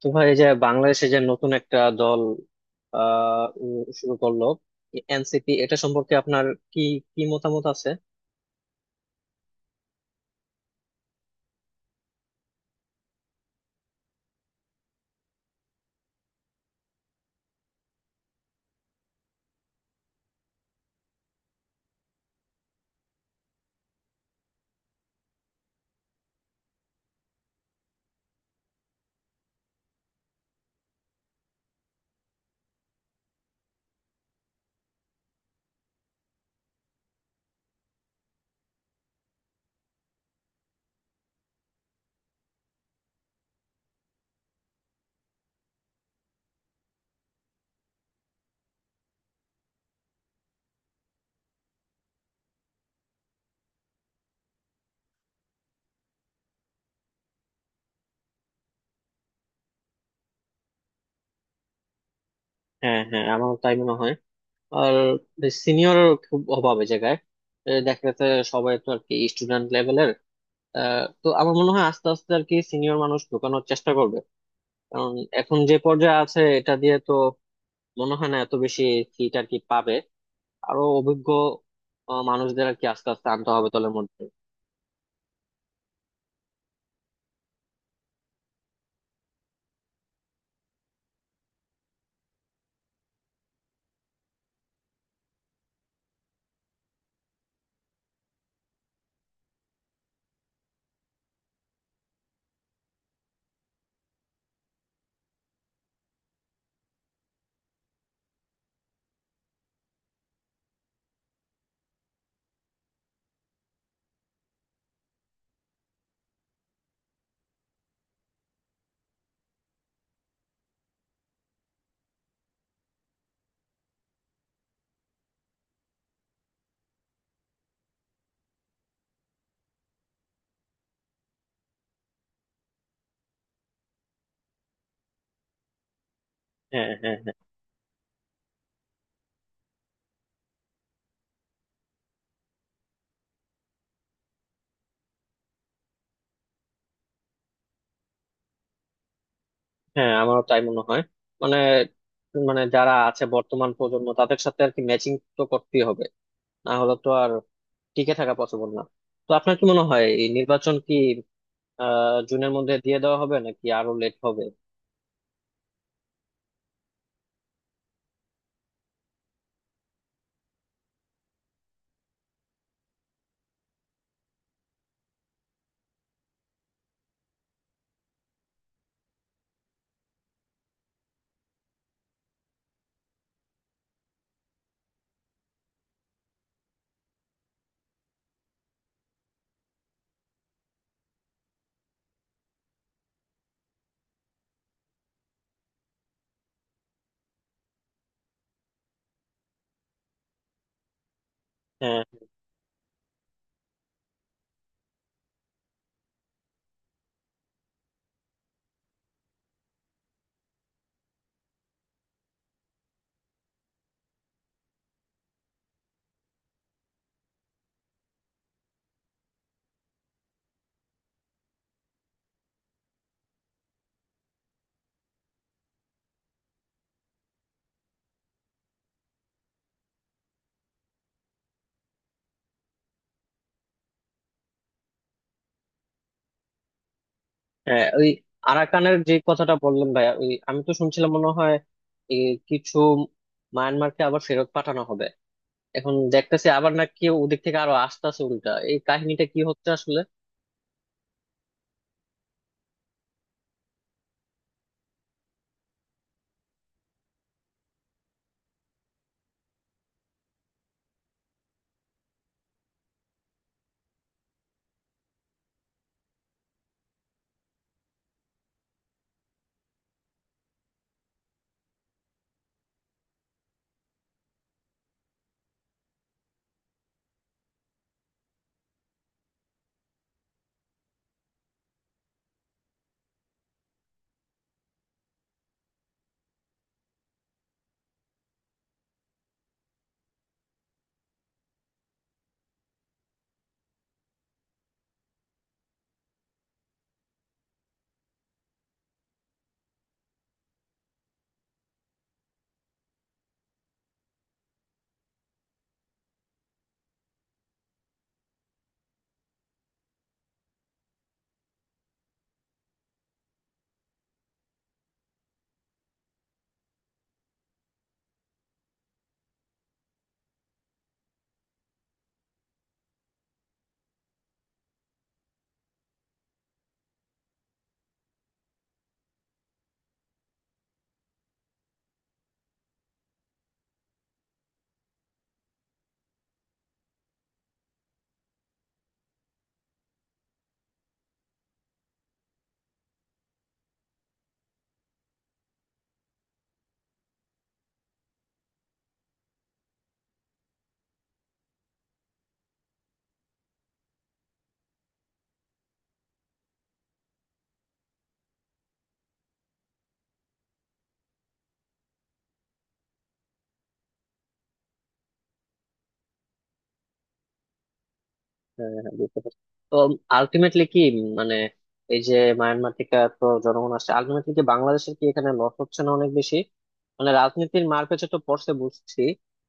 তো ভাই, এই যে বাংলাদেশে যে নতুন একটা দল শুরু করলো এনসিপি, এটা সম্পর্কে আপনার কি কি মতামত আছে? হ্যাঁ হ্যাঁ, আমার তাই মনে হয়। আর সিনিয়র খুব অভাব এই জায়গায় এ দেখা যাচ্ছে। সবাই তো আর কি স্টুডেন্ট লেভেলের। তো আমার মনে হয় আস্তে আস্তে আর কি সিনিয়র মানুষ ঢোকানোর চেষ্টা করবে। কারণ এখন যে পর্যায়ে আছে এটা দিয়ে তো মনে হয় না এত বেশি সিট আর কি পাবে। আরো অভিজ্ঞ মানুষদের আর কি আস্তে আস্তে আনতে হবে দলের মধ্যে। হ্যাঁ হ্যাঁ, হ্যাঁ আমারও তাই মনে হয়। মানে মানে যারা আছে বর্তমান প্রজন্ম, তাদের সাথে আর কি ম্যাচিং তো করতেই হবে। না হলে তো আর টিকে থাকা পসিবল না। তো আপনার কি মনে হয়, এই নির্বাচন কি আহ জুনের মধ্যে দিয়ে দেওয়া হবে নাকি আরো লেট হবে? হ্যাঁ হ্যাঁ, ওই আরাকানের যে কথাটা বললেন ভাইয়া, ওই আমি তো শুনছিলাম মনে হয় এই কিছু মায়ানমারকে আবার ফেরত পাঠানো হবে। এখন দেখতেছি আবার নাকি ওদিক থেকে আরো আসতেছে উল্টা, এই কাহিনীটা কি হচ্ছে আসলে? হ্যাঁ হ্যাঁ, বুঝতে পারছি। তো আলটিমেটলি কি মানে এই যে মায়ানমার থেকে তো জনগণ আসছে, আলটিমেটলি কি বাংলাদেশের কি এখানে লস হচ্ছে না অনেক বেশি? মানে রাজনীতির মারপ্যাচে তো পড়ছে বুঝছি,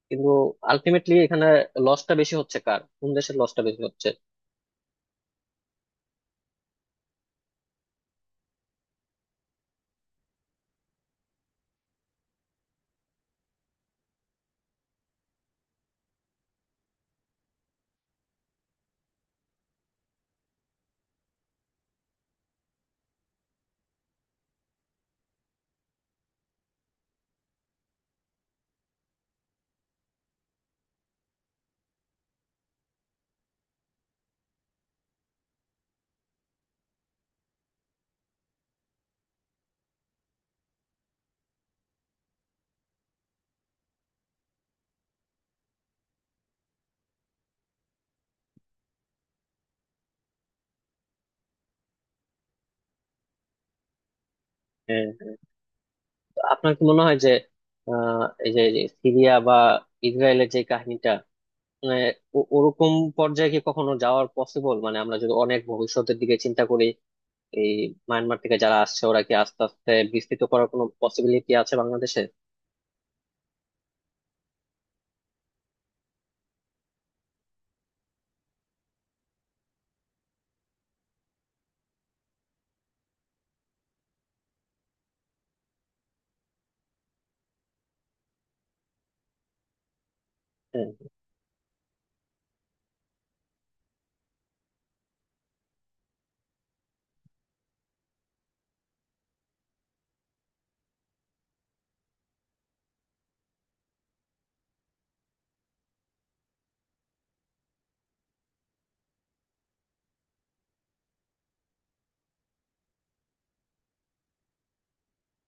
কিন্তু আলটিমেটলি এখানে লসটা বেশি হচ্ছে কার, কোন দেশের লসটা বেশি হচ্ছে? হ্যাঁ হ্যাঁ। তো আপনার কি মনে হয় যে আহ এই যে যে সিরিয়া বা ইসরায়েলের যে কাহিনীটা, মানে ওরকম পর্যায়ে কি কখনো যাওয়ার পসিবল? মানে আমরা যদি অনেক ভবিষ্যতের দিকে চিন্তা করি, এই মায়ানমার থেকে যারা আসছে ওরা কি আস্তে আস্তে বিস্তৃত করার কোনো পসিবিলিটি আছে বাংলাদেশে? হ্যাঁ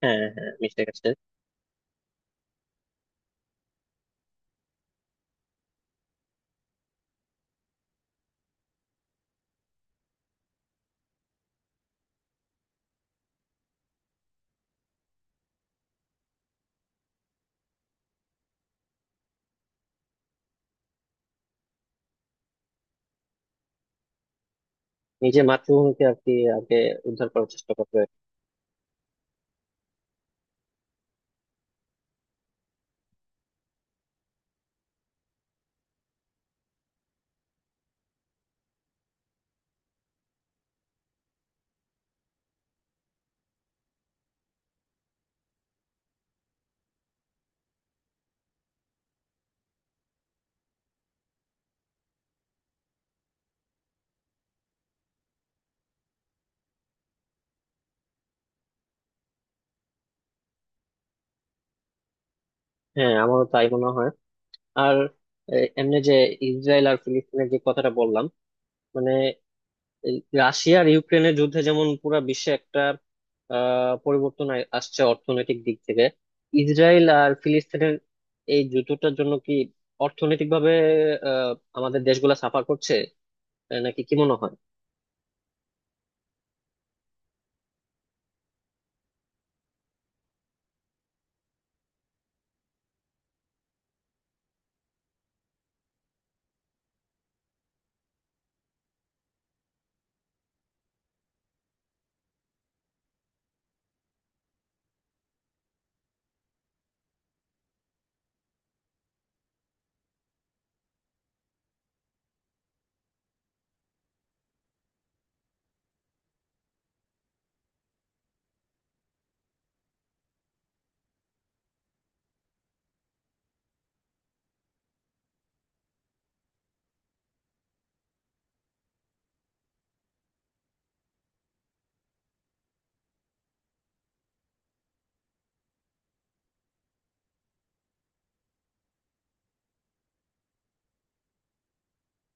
হ্যাঁ, হ্যাঁ মিশে গেছে। নিজের মাতৃভূমিকে আর কি আগে উদ্ধার করার চেষ্টা করবে। হ্যাঁ আমারও তাই মনে হয়। আর এ, এমনি যে ইসরায়েল আর ফিলিস্তিনের যে কথাটা বললাম, মানে এই রাশিয়া আর ইউক্রেনের যুদ্ধে যেমন পুরো বিশ্বে একটা আহ পরিবর্তন আসছে অর্থনৈতিক দিক থেকে, ইসরায়েল আর ফিলিস্তিনের এই যুদ্ধটার জন্য কি অর্থনৈতিক ভাবে আহ আমাদের দেশগুলা সাফার করছে আহ, নাকি কি মনে হয়?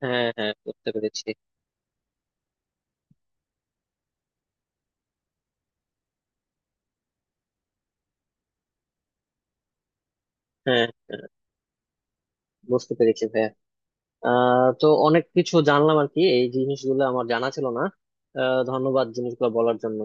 হ্যাঁ হ্যাঁ, বুঝতে পেরেছি। হ্যাঁ হ্যাঁ, বুঝতে পেরেছি ভাইয়া। আহ তো অনেক কিছু জানলাম আর কি, এই জিনিসগুলো আমার জানা ছিল না। আহ ধন্যবাদ জিনিসগুলো বলার জন্য।